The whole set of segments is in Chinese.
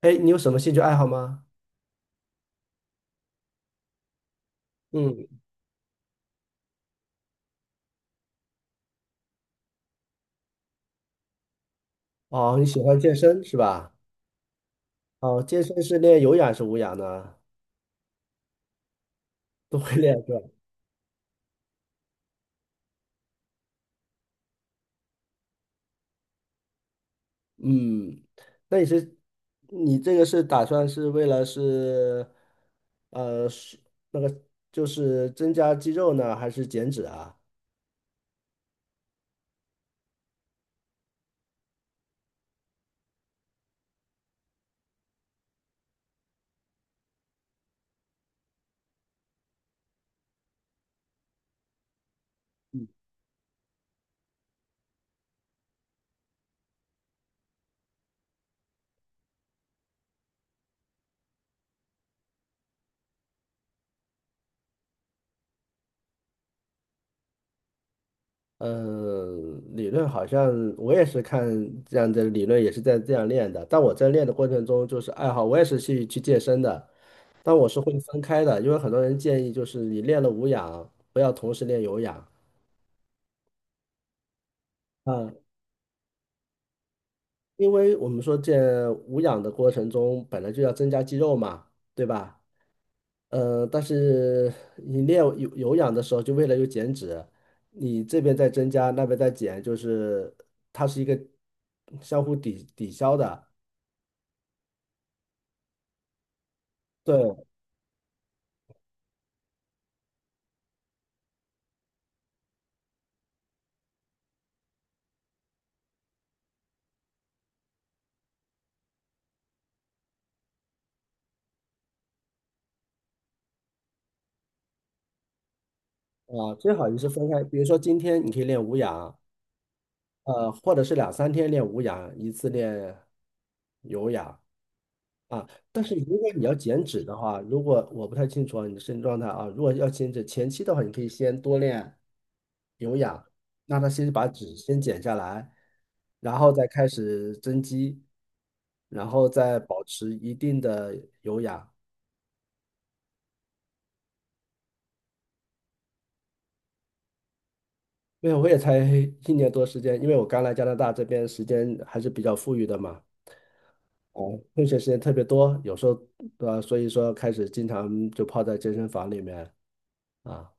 哎，你有什么兴趣爱好吗？嗯，哦，你喜欢健身是吧？哦，健身是练有氧还是无氧呢？都会练是吧？嗯，那你是你这个是打算是为了是呃是就是增加肌肉呢，还是减脂啊？嗯，理论好像我也是看这样的理论，也是在这样练的。但我在练的过程中，就是爱好，我也是去健身的。但我是会分开的，因为很多人建议就是你练了无氧，不要同时练有氧。嗯，因为我们说这无氧的过程中本来就要增加肌肉嘛，对吧？但是你练有氧的时候，就为了有减脂，你这边在增加，那边在减，就是它是一个相互抵消的。对啊，最好你是分开，比如说今天你可以练无氧，或者是两三天练无氧，一次练有氧。啊，但是如果你要减脂的话，如果我不太清楚啊你的身体状态啊，如果要减脂前期的话，你可以先多练有氧，让他先把脂先减下来，然后再开始增肌，然后再保持一定的有氧。因为我也才 一年多时间，因为我刚来加拿大这边时间还是比较富裕的嘛，哦，空闲时间特别多，有时候对吧？所以说开始经常就泡在健身房里面啊，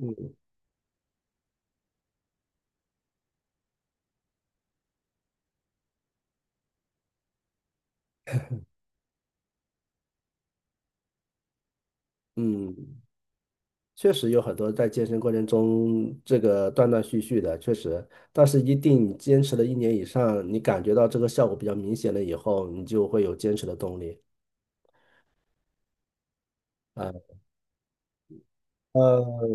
嗯。嗯，确实有很多在健身过程中这个断断续续的，确实，但是一定你坚持了一年以上，你感觉到这个效果比较明显了以后，你就会有坚持的动力啊。呃，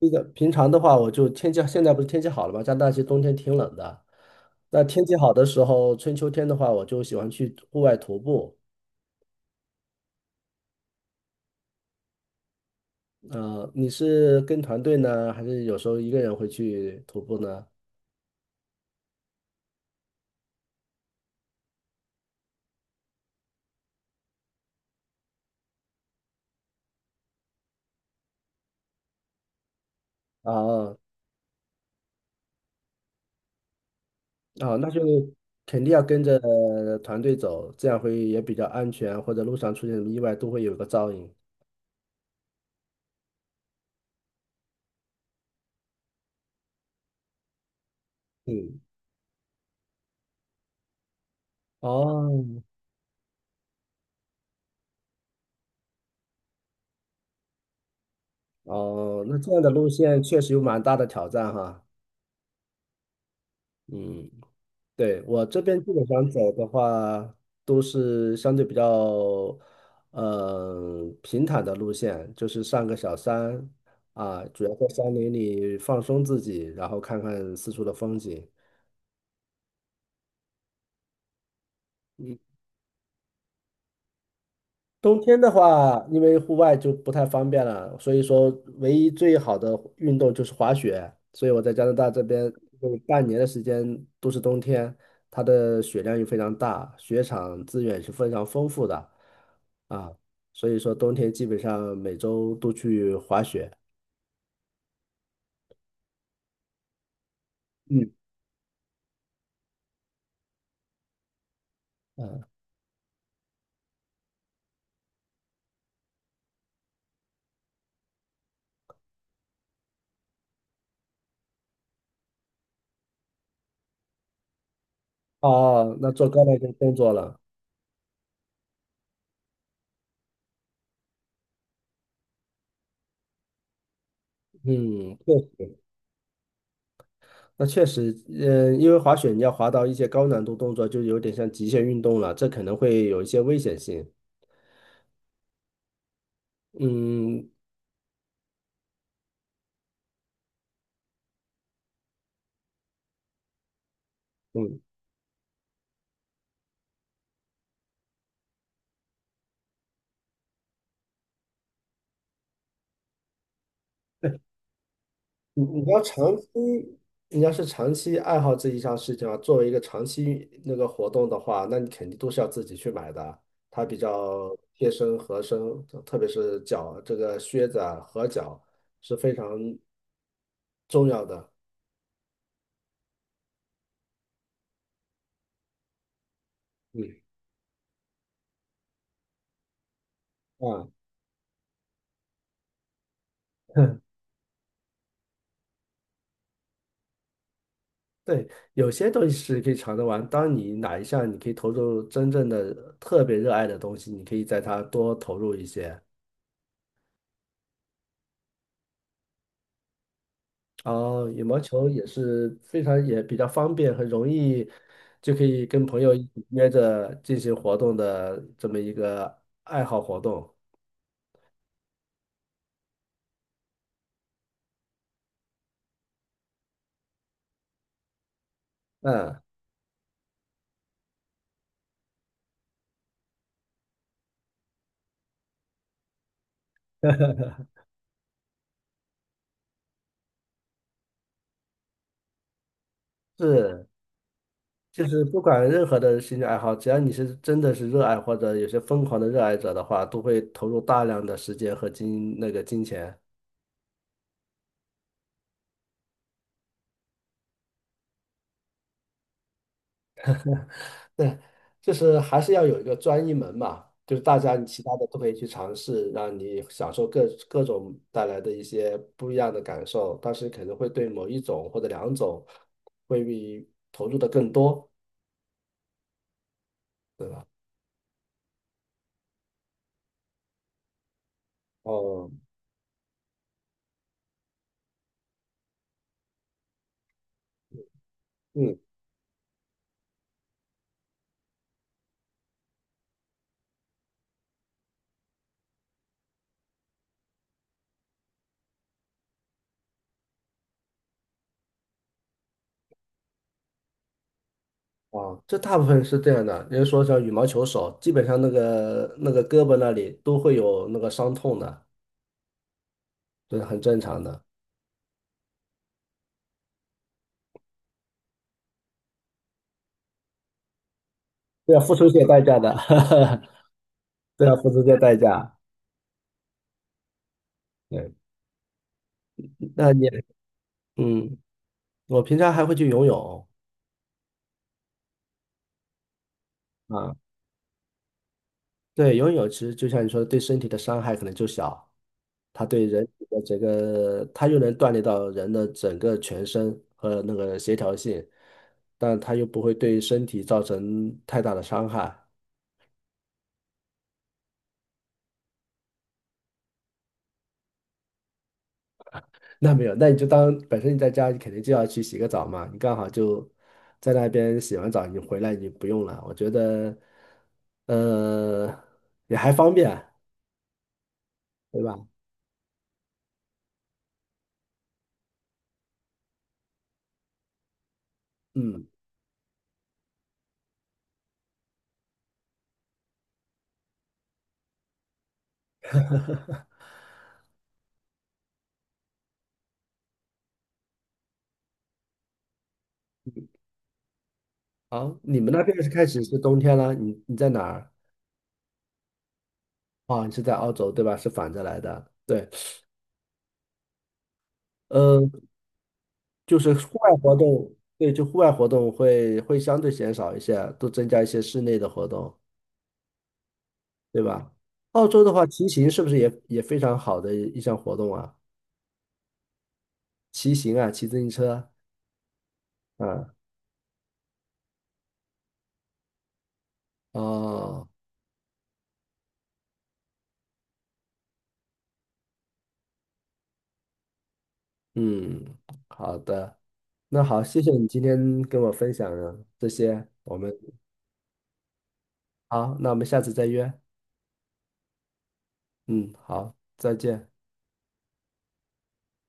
这个平常的话，我就天气现在不是天气好了吗？加拿大其实冬天挺冷的，那天气好的时候，春秋天的话，我就喜欢去户外徒步。你是跟团队呢，还是有时候一个人会去徒步呢？啊，哦，那就肯定要跟着团队走，这样会也比较安全，或者路上出现什么意外都会有个照应。嗯，哦，哦，那这样的路线确实有蛮大的挑战哈。嗯，对，我这边基本上走的话，都是相对比较平坦的路线，就是上个小山啊，主要在山林里放松自己，然后看看四处的风景。嗯冬天的话，因为户外就不太方便了，所以说唯一最好的运动就是滑雪。所以我在加拿大这边有半年的时间都是冬天，它的雪量又非常大，雪场资源是非常丰富的啊。所以说冬天基本上每周都去滑雪。嗯，哦，那做高难度动作了。嗯，对，那确实，嗯，因为滑雪你要滑到一些高难度动作，就有点像极限运动了，这可能会有一些危险性。嗯嗯，你要长期，你要是长期爱好这一项事情啊，作为一个长期那个活动的话，那你肯定都是要自己去买的，它比较贴身合身，特别是脚这个靴子啊合脚是非常重要的。嗯啊，对，有些东西是可以尝着玩。当你哪一项你可以投入真正的特别热爱的东西，你可以在它多投入一些。哦，羽毛球也是非常也比较方便，很容易就可以跟朋友一起约着进行活动的这么一个爱好活动。嗯，是，就是不管任何的兴趣爱好，只要你是真的是热爱或者有些疯狂的热爱者的话，都会投入大量的时间和那个金钱。对，就是还是要有一个专一门嘛，就是大家你其他的都可以去尝试，让你享受各种带来的一些不一样的感受，但是可能会对某一种或者两种会比投入的更多。哦，嗯，啊，这大部分是这样的。比如说像羽毛球手，基本上那个胳膊那里都会有那个伤痛的，这是很正常的，这要付出一些代价的，这要付出一些代价。对，那你嗯。我平常还会去游泳，啊，对，游泳其实就像你说的，对身体的伤害可能就小，它对人体的整个，它又能锻炼到人的整个全身和那个协调性，但它又不会对身体造成太大的伤害。那没有，那你就当本身你在家，你肯定就要去洗个澡嘛，你刚好就在那边洗完澡，你回来你不用了，我觉得，呃，也还方便，对吧？嗯。好，你们那边是开始是冬天了，你在哪儿？啊，你是在澳洲对吧？是反着来的，对，呃，就是户外活动，对，就户外活动会相对减少一些，多增加一些室内的活动，对吧？澳洲的话，骑行是不是也也非常好的一项活动啊？骑行啊，骑自行车，啊，哦，嗯，好的，那好，谢谢你今天跟我分享了这些，我们好，那我们下次再约，嗯，好，再见。